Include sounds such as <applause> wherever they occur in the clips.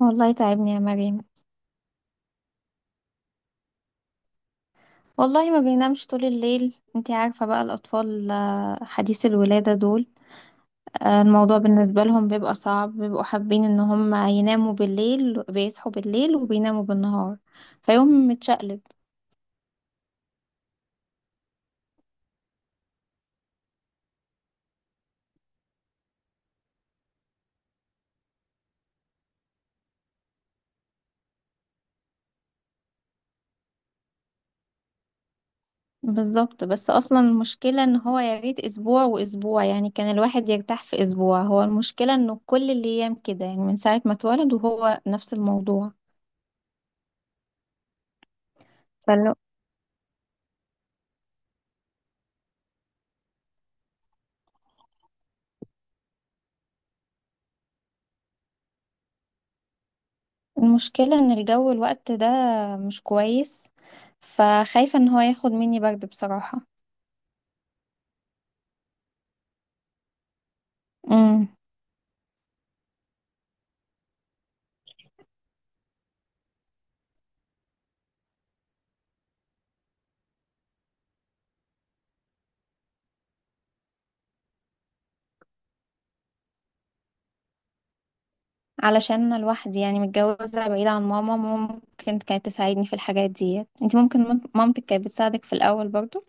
والله تعبني يا مريم. والله ما بينامش طول الليل. انتي عارفة بقى الأطفال، حديث الولادة دول. الموضوع بالنسبة لهم بيبقى صعب، بيبقوا حابين ان هم يناموا بالليل، بيصحوا بالليل وبيناموا بالنهار، فيوم متشقلب. بالظبط. بس اصلا المشكلة ان هو يا ريت اسبوع واسبوع، يعني كان الواحد يرتاح في اسبوع، هو المشكلة انه كل الايام كده، يعني من ساعة ما اتولد وهو نفس الموضوع. المشكلة ان الجو الوقت ده مش كويس، فخايفة ان هو ياخد مني برد بصراحة. امم. علشان انا لوحدي يعني، متجوزة بعيدة عن ماما، ممكن كانت تساعدني في الحاجات ديت. انتي ممكن مامتك كانت بتساعدك في الاول برضو؟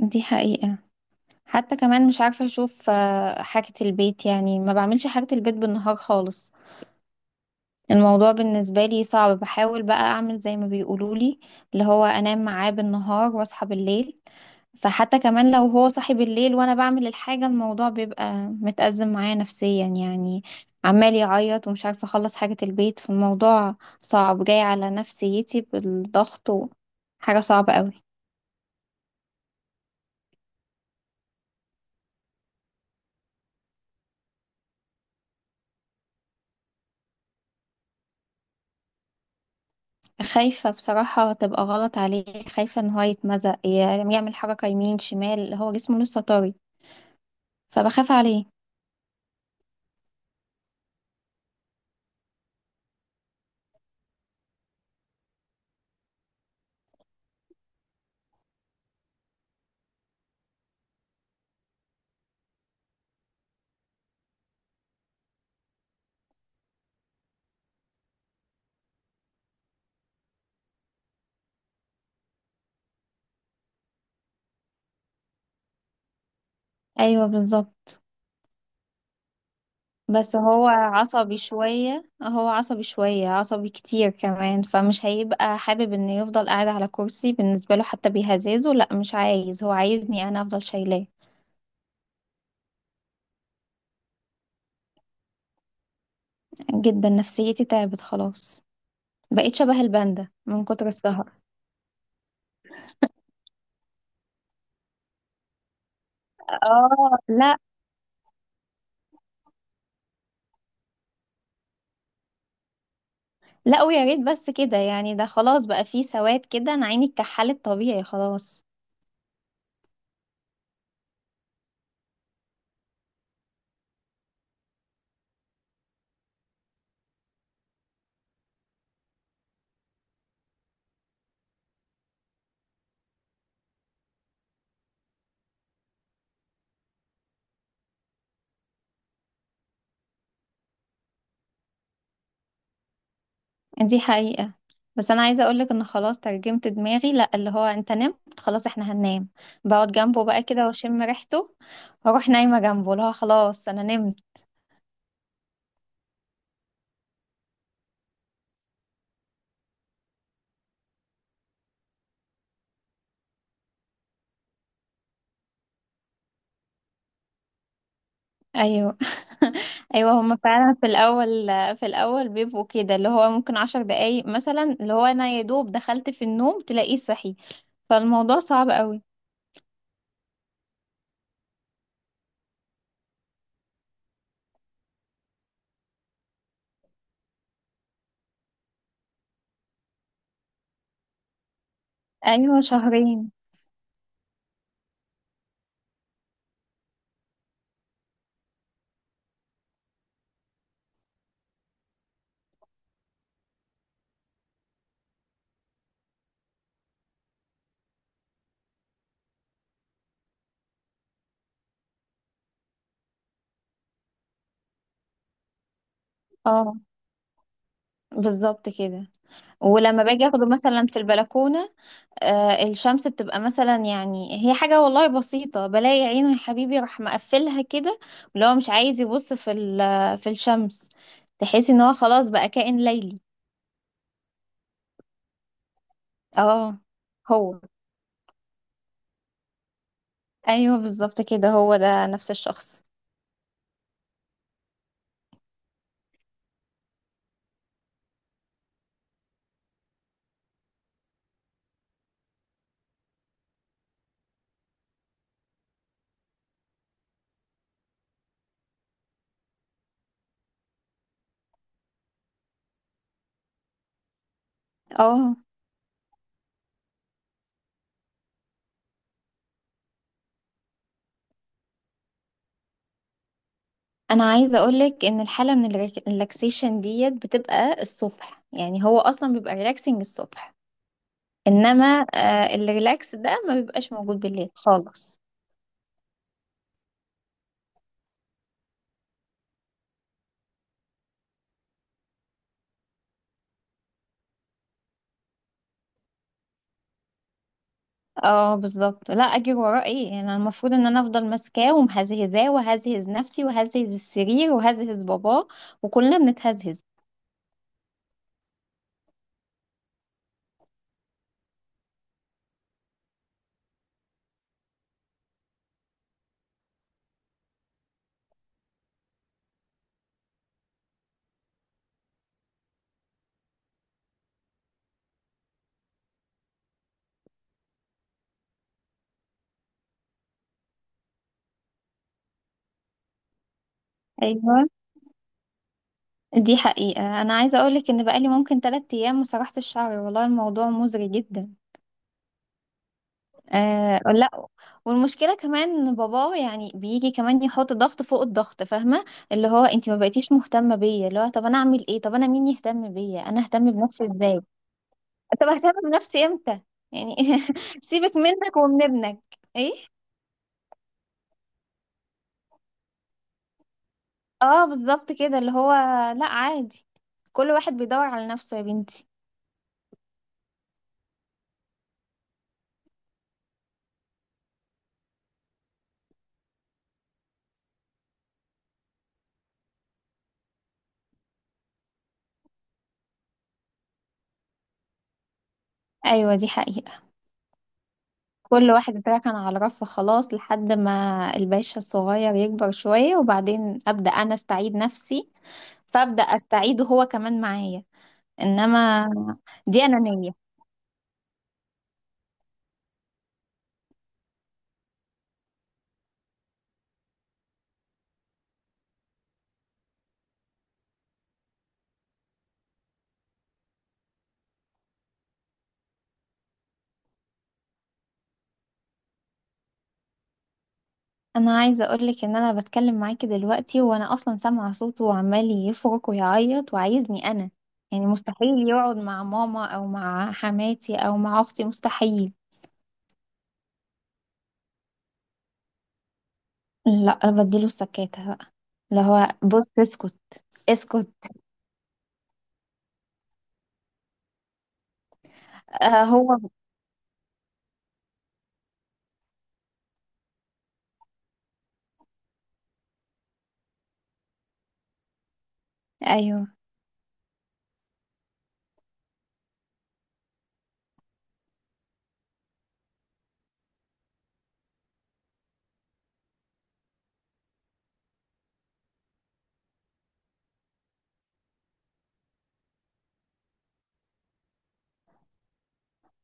دي حقيقة. حتى كمان مش عارفة اشوف حاجة البيت، يعني ما بعملش حاجة البيت بالنهار خالص. الموضوع بالنسبة لي صعب. بحاول بقى اعمل زي ما بيقولولي، اللي هو انام معاه بالنهار واصحى بالليل. فحتى كمان لو هو صاحي بالليل وانا بعمل الحاجة، الموضوع بيبقى متأزم معايا نفسيا، يعني عمال يعيط ومش عارفة اخلص حاجة البيت، فالموضوع صعب جاي على نفسيتي بالضغط حاجة صعبة قوي. خايفة بصراحة تبقى غلط عليه، خايفة ان هو يتمزق، يعمل حركة يمين شمال، هو جسمه لسه طري، فبخاف عليه. ايوه بالظبط. بس هو عصبي شوية، هو عصبي كتير كمان، فمش هيبقى حابب انه يفضل قاعد على كرسي. بالنسبة له حتى بيهزازه لا مش عايز، هو عايزني انا افضل شايلاه. جدا، نفسيتي تعبت خلاص، بقيت شبه الباندا من كتر السهر. اه لا. لا ويا ريت بس كده يعني، ده خلاص بقى فيه سواد كده، انا عيني اتكحلت طبيعي خلاص. دي حقيقة. بس أنا عايزة أقولك إن خلاص ترجمت دماغي، لأ اللي هو أنت نمت خلاص إحنا هننام. بقعد جنبه بقى كده وأشم ريحته وأروح نايمة جنبه، اللي هو خلاص أنا نمت. أيوه. <laughs> أيوه هما فعلا في الأول، في الأول بيبقوا كده، اللي هو ممكن عشر دقايق مثلا، اللي هو أنا يا دوب دخلت في النوم تلاقيه صحي، فالموضوع صعب قوي. أيوه شهرين. اه بالظبط كده. ولما باجي اخده مثلا في البلكونة، الشمس بتبقى مثلا، يعني هي حاجة والله بسيطة، بلاقي عينه يا حبيبي راح مقفلها كده، اللي هو مش عايز يبص في الشمس، تحس ان هو خلاص بقى كائن ليلي. اه هو. ايوه بالظبط كده، هو ده نفس الشخص. اه. انا عايزة اقولك ان الحالة من الريلاكسيشن ديت بتبقى الصبح، يعني هو اصلا بيبقى ريلاكسنج الصبح. انما الريلاكس ده ما بيبقاش موجود بالليل خالص. اه بالظبط. لا اجري وراه ايه يعني، أنا المفروض ان انا افضل ماسكاه ومهزهزاه، وهزهز نفسي وهزهز السرير وهزهز باباه، وكلنا بنتهزهز. ايوه دي حقيقة. انا عايزة اقولك ان بقالي ممكن تلات ايام ما سرحت الشعر، والله الموضوع مزري جدا. آه لا. والمشكلة كمان ان باباه يعني بيجي كمان يحط ضغط فوق الضغط، فاهمة؟ اللي هو انت ما بقيتيش مهتمة بيا، اللي هو طب انا اعمل ايه، طب انا مين يهتم بيا، انا اهتم بنفسي ازاي، طب اهتم بنفسي امتى يعني. <laughs> سيبك منك ومن ابنك. ايه. اه بالظبط كده اللي هو، لا عادي، كل واحد بيدور على نفسه يا بنتي. ايوه دي حقيقة، كل واحد اتركن على رف خلاص، لحد ما الباشا الصغير يكبر شوية، وبعدين ابدأ انا استعيد نفسي، فابدأ استعيده هو كمان معايا. انما دي انانية. انا عايزه اقولك ان انا بتكلم معاكي دلوقتي، وانا اصلا سامعه صوته وعمال يفرك ويعيط وعايزني انا. يعني مستحيل يقعد مع ماما او مع حماتي او مع اختي، مستحيل. لا بديله السكاتة بقى، اللي هو بص اسكت، اسكت. آه هو. ايوه.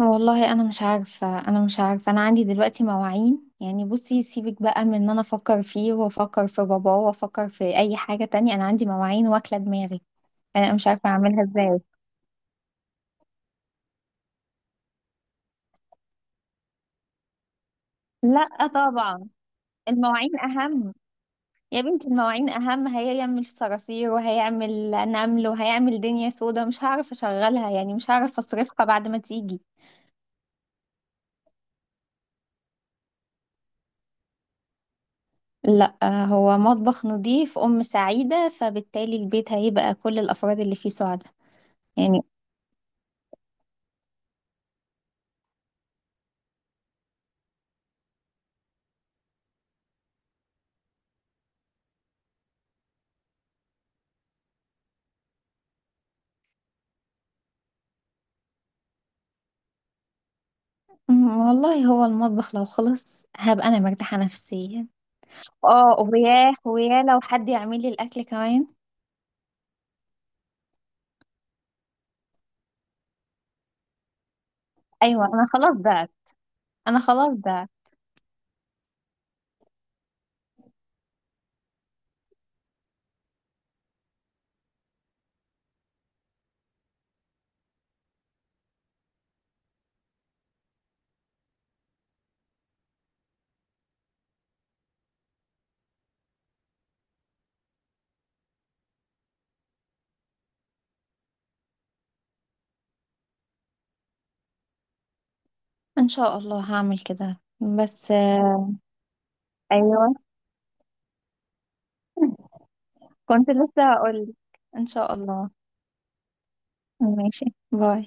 والله انا مش عارفه انا عندي دلوقتي مواعين، يعني بصي سيبك بقى من ان انا افكر فيه وافكر في باباه وافكر في اي حاجه تانية، انا عندي مواعين واكله دماغي. انا مش عارفه اعملها ازاي. لا طبعا، المواعين أهم. يا بنتي المواعين أهم، هيعمل صراصير وهيعمل نمل وهيعمل دنيا سودا، مش هعرف أشغلها يعني، مش هعرف أصرفها بعد ما تيجي. لا، هو مطبخ نظيف أم سعيدة، فبالتالي البيت هيبقى كل الأفراد اللي فيه سعداء يعني. والله هو المطبخ لو خلص هبقى أنا مرتاحة نفسيا. اه وياه وياه لو حد يعمل لي الأكل كمان. أيوة أنا خلاص بعت. إن شاء الله هعمل كده بس. أيوة كنت لسه هقول، ان شاء الله. ماشي. باي.